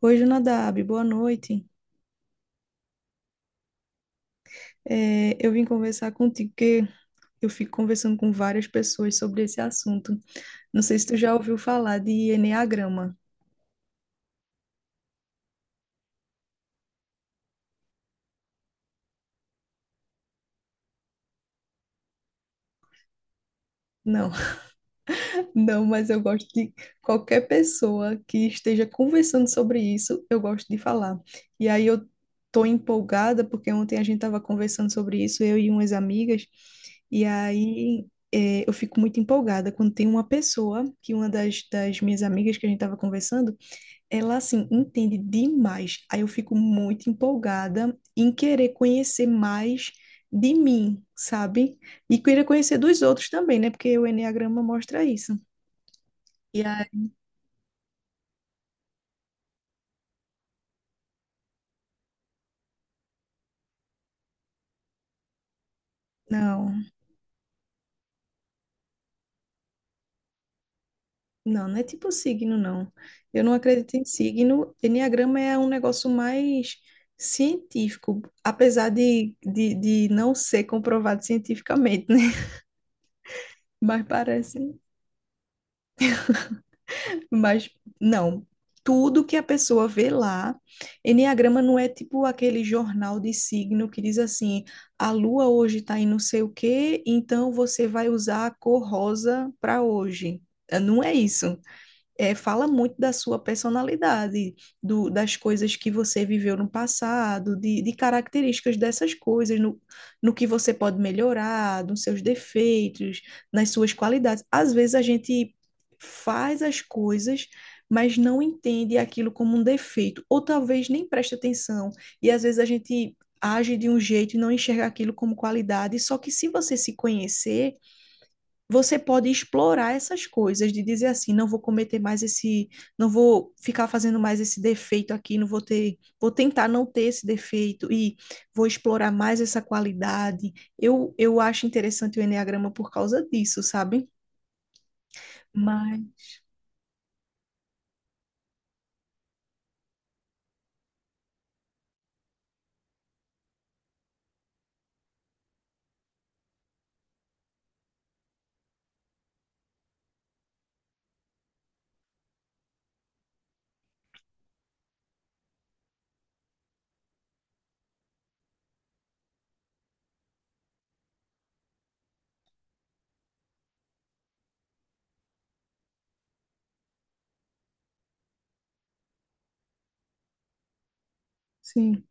Oi, Jonadab, boa noite. Eu vim conversar contigo porque eu fico conversando com várias pessoas sobre esse assunto. Não sei se tu já ouviu falar de eneagrama. Não, não, mas eu gosto de qualquer pessoa que esteja conversando sobre isso, eu gosto de falar. E aí eu tô empolgada porque ontem a gente estava conversando sobre isso, eu e umas amigas, e aí eu fico muito empolgada quando tem uma pessoa, que uma das minhas amigas que a gente estava conversando. Ela, assim, entende demais. Aí eu fico muito empolgada em querer conhecer mais de mim, sabe? E querer conhecer dos outros também, né? Porque o enneagrama mostra isso. E aí, não, não, não é tipo signo, não. Eu não acredito em signo. Enneagrama é um negócio mais científico, apesar de não ser comprovado cientificamente, né? Mas parece. Mas não. Tudo que a pessoa vê lá, enneagrama não é tipo aquele jornal de signo que diz assim: a lua hoje está em não sei o quê, então você vai usar a cor rosa para hoje. Não é isso, fala muito da sua personalidade, das coisas que você viveu no passado, de características dessas coisas, no que você pode melhorar, nos seus defeitos, nas suas qualidades. Às vezes a gente faz as coisas, mas não entende aquilo como um defeito, ou talvez nem preste atenção, e às vezes a gente age de um jeito e não enxerga aquilo como qualidade, só que se você se conhecer, você pode explorar essas coisas, de dizer assim, não vou cometer mais esse, não vou ficar fazendo mais esse defeito aqui, não vou ter, vou tentar não ter esse defeito e vou explorar mais essa qualidade. Eu acho interessante o enneagrama por causa disso, sabe? Mas, sim,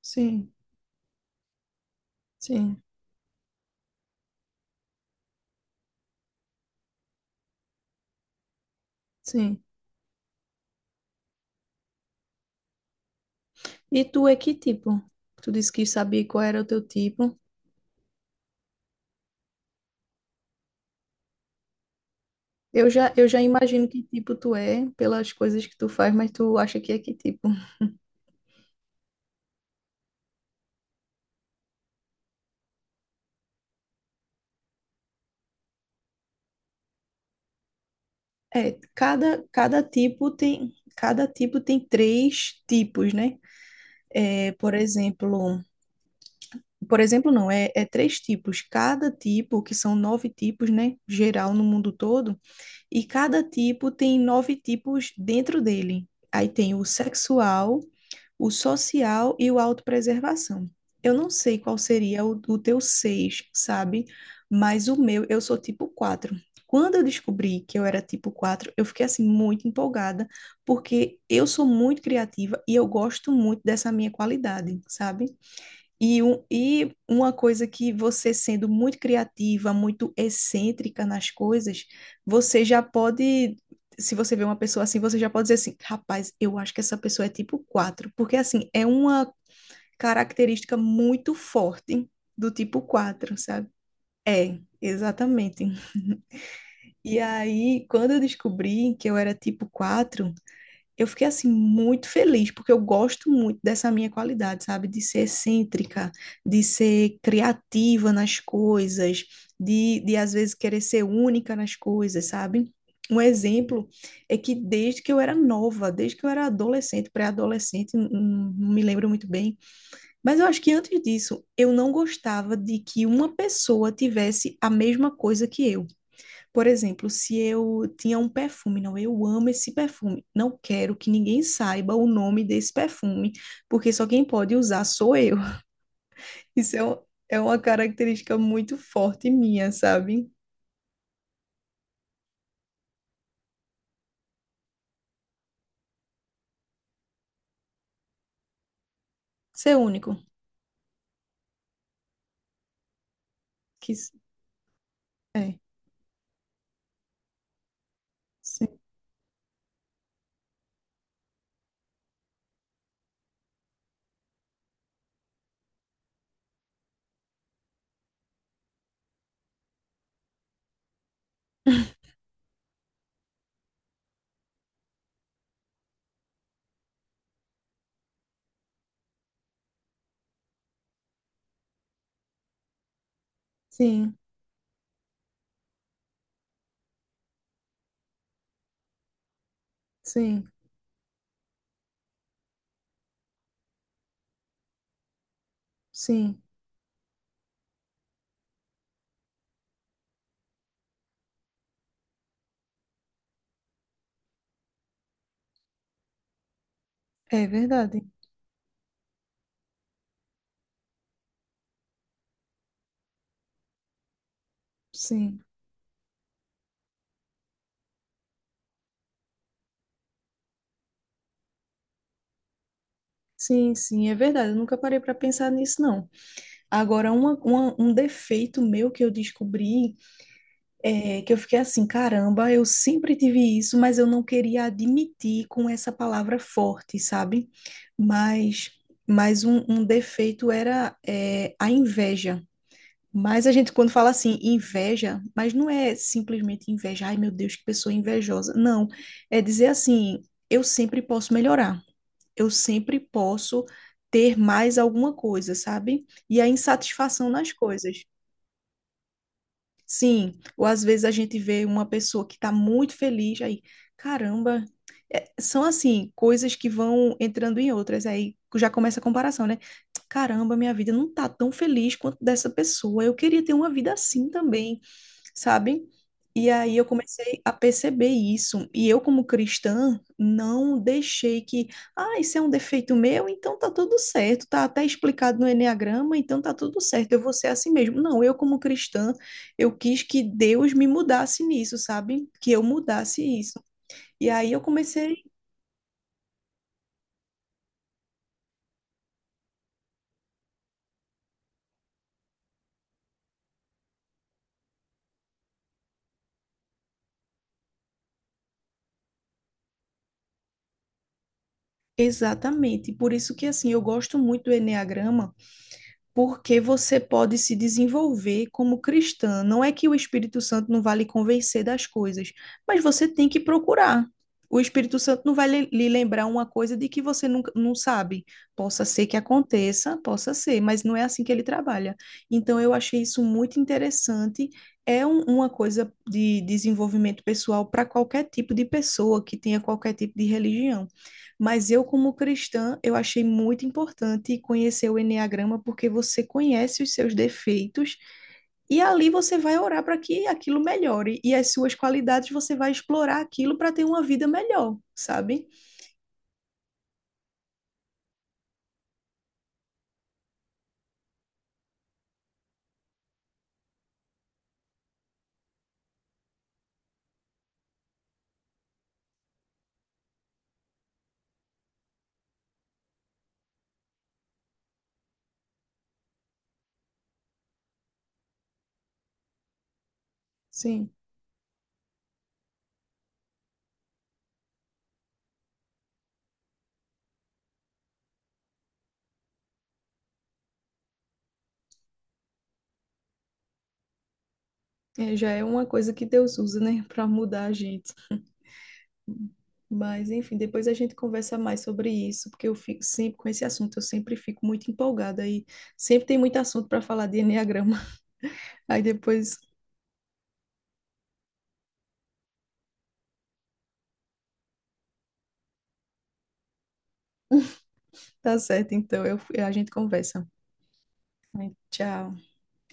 sim, sim, sim. E tu é que tipo? Tu disse que sabia qual era o teu tipo. Eu já imagino que tipo tu é pelas coisas que tu faz, mas tu acha que é que tipo? É, cada tipo tem, cada tipo tem três tipos, né? É, por exemplo, não, é três tipos. Cada tipo, que são nove tipos, né? Geral no mundo todo, e cada tipo tem nove tipos dentro dele. Aí tem o sexual, o social e o autopreservação. Eu não sei qual seria o teu seis, sabe? Mas o meu, eu sou tipo quatro. Quando eu descobri que eu era tipo quatro, eu fiquei assim muito empolgada, porque eu sou muito criativa e eu gosto muito dessa minha qualidade, sabe? E uma coisa que você sendo muito criativa, muito excêntrica nas coisas, você já pode, se você vê uma pessoa assim, você já pode dizer assim, rapaz, eu acho que essa pessoa é tipo 4 porque assim, é uma característica muito forte do tipo quatro, sabe? É, exatamente. E aí, quando eu descobri que eu era tipo quatro, eu fiquei assim muito feliz, porque eu gosto muito dessa minha qualidade, sabe? De ser excêntrica, de ser criativa nas coisas, de às vezes querer ser única nas coisas, sabe? Um exemplo é que desde que eu era nova, desde que eu era adolescente, pré-adolescente, não me lembro muito bem, mas eu acho que antes disso, eu não gostava de que uma pessoa tivesse a mesma coisa que eu. Por exemplo, se eu tinha um perfume, não, eu amo esse perfume, não quero que ninguém saiba o nome desse perfume, porque só quem pode usar sou eu. Isso é, um- É uma característica muito forte minha, sabe? Ser único. Que, s- É, sim, sim, sim, sim, é verdade, sim. Sim, sim, é verdade. Eu nunca parei para pensar nisso, não. Agora, um defeito meu que eu descobri, que eu fiquei assim, caramba, eu sempre tive isso, mas eu não queria admitir com essa palavra forte, sabe? Mas, mas um defeito era a inveja. Mas a gente, quando fala assim, inveja, mas não é simplesmente inveja, ai meu Deus, que pessoa invejosa. Não, é dizer assim, eu sempre posso melhorar, eu sempre posso ter mais alguma coisa, sabe? E a insatisfação nas coisas. Sim, ou às vezes a gente vê uma pessoa que está muito feliz, aí, caramba, são assim, coisas que vão entrando em outras, aí já começa a comparação, né? Caramba, minha vida não tá tão feliz quanto dessa pessoa, eu queria ter uma vida assim também, sabe? E aí eu comecei a perceber isso. E eu, como cristã, não deixei que, ah, isso é um defeito meu, então tá tudo certo, tá até explicado no enneagrama, então tá tudo certo, eu vou ser assim mesmo. Não, eu, como cristã, eu quis que Deus me mudasse nisso, sabe? Que eu mudasse isso. E aí eu comecei, exatamente. Por isso que assim, eu gosto muito do enneagrama porque você pode se desenvolver como cristã. Não é que o Espírito Santo não vai lhe convencer das coisas, mas você tem que procurar. O Espírito Santo não vai lhe lembrar uma coisa de que você nunca, não sabe. Possa ser que aconteça, possa ser, mas não é assim que ele trabalha. Então, eu achei isso muito interessante. Uma coisa de desenvolvimento pessoal para qualquer tipo de pessoa que tenha qualquer tipo de religião. Mas eu, como cristã, eu achei muito importante conhecer o enneagrama porque você conhece os seus defeitos e ali você vai orar para que aquilo melhore e as suas qualidades você vai explorar aquilo para ter uma vida melhor, sabe? Sim. É, já é uma coisa que Deus usa, né, para mudar a gente. Mas, enfim, depois a gente conversa mais sobre isso, porque eu fico sempre com esse assunto, eu sempre fico muito empolgada e sempre tem muito assunto para falar de enneagrama. Aí depois, tá certo, a gente conversa. Tchau.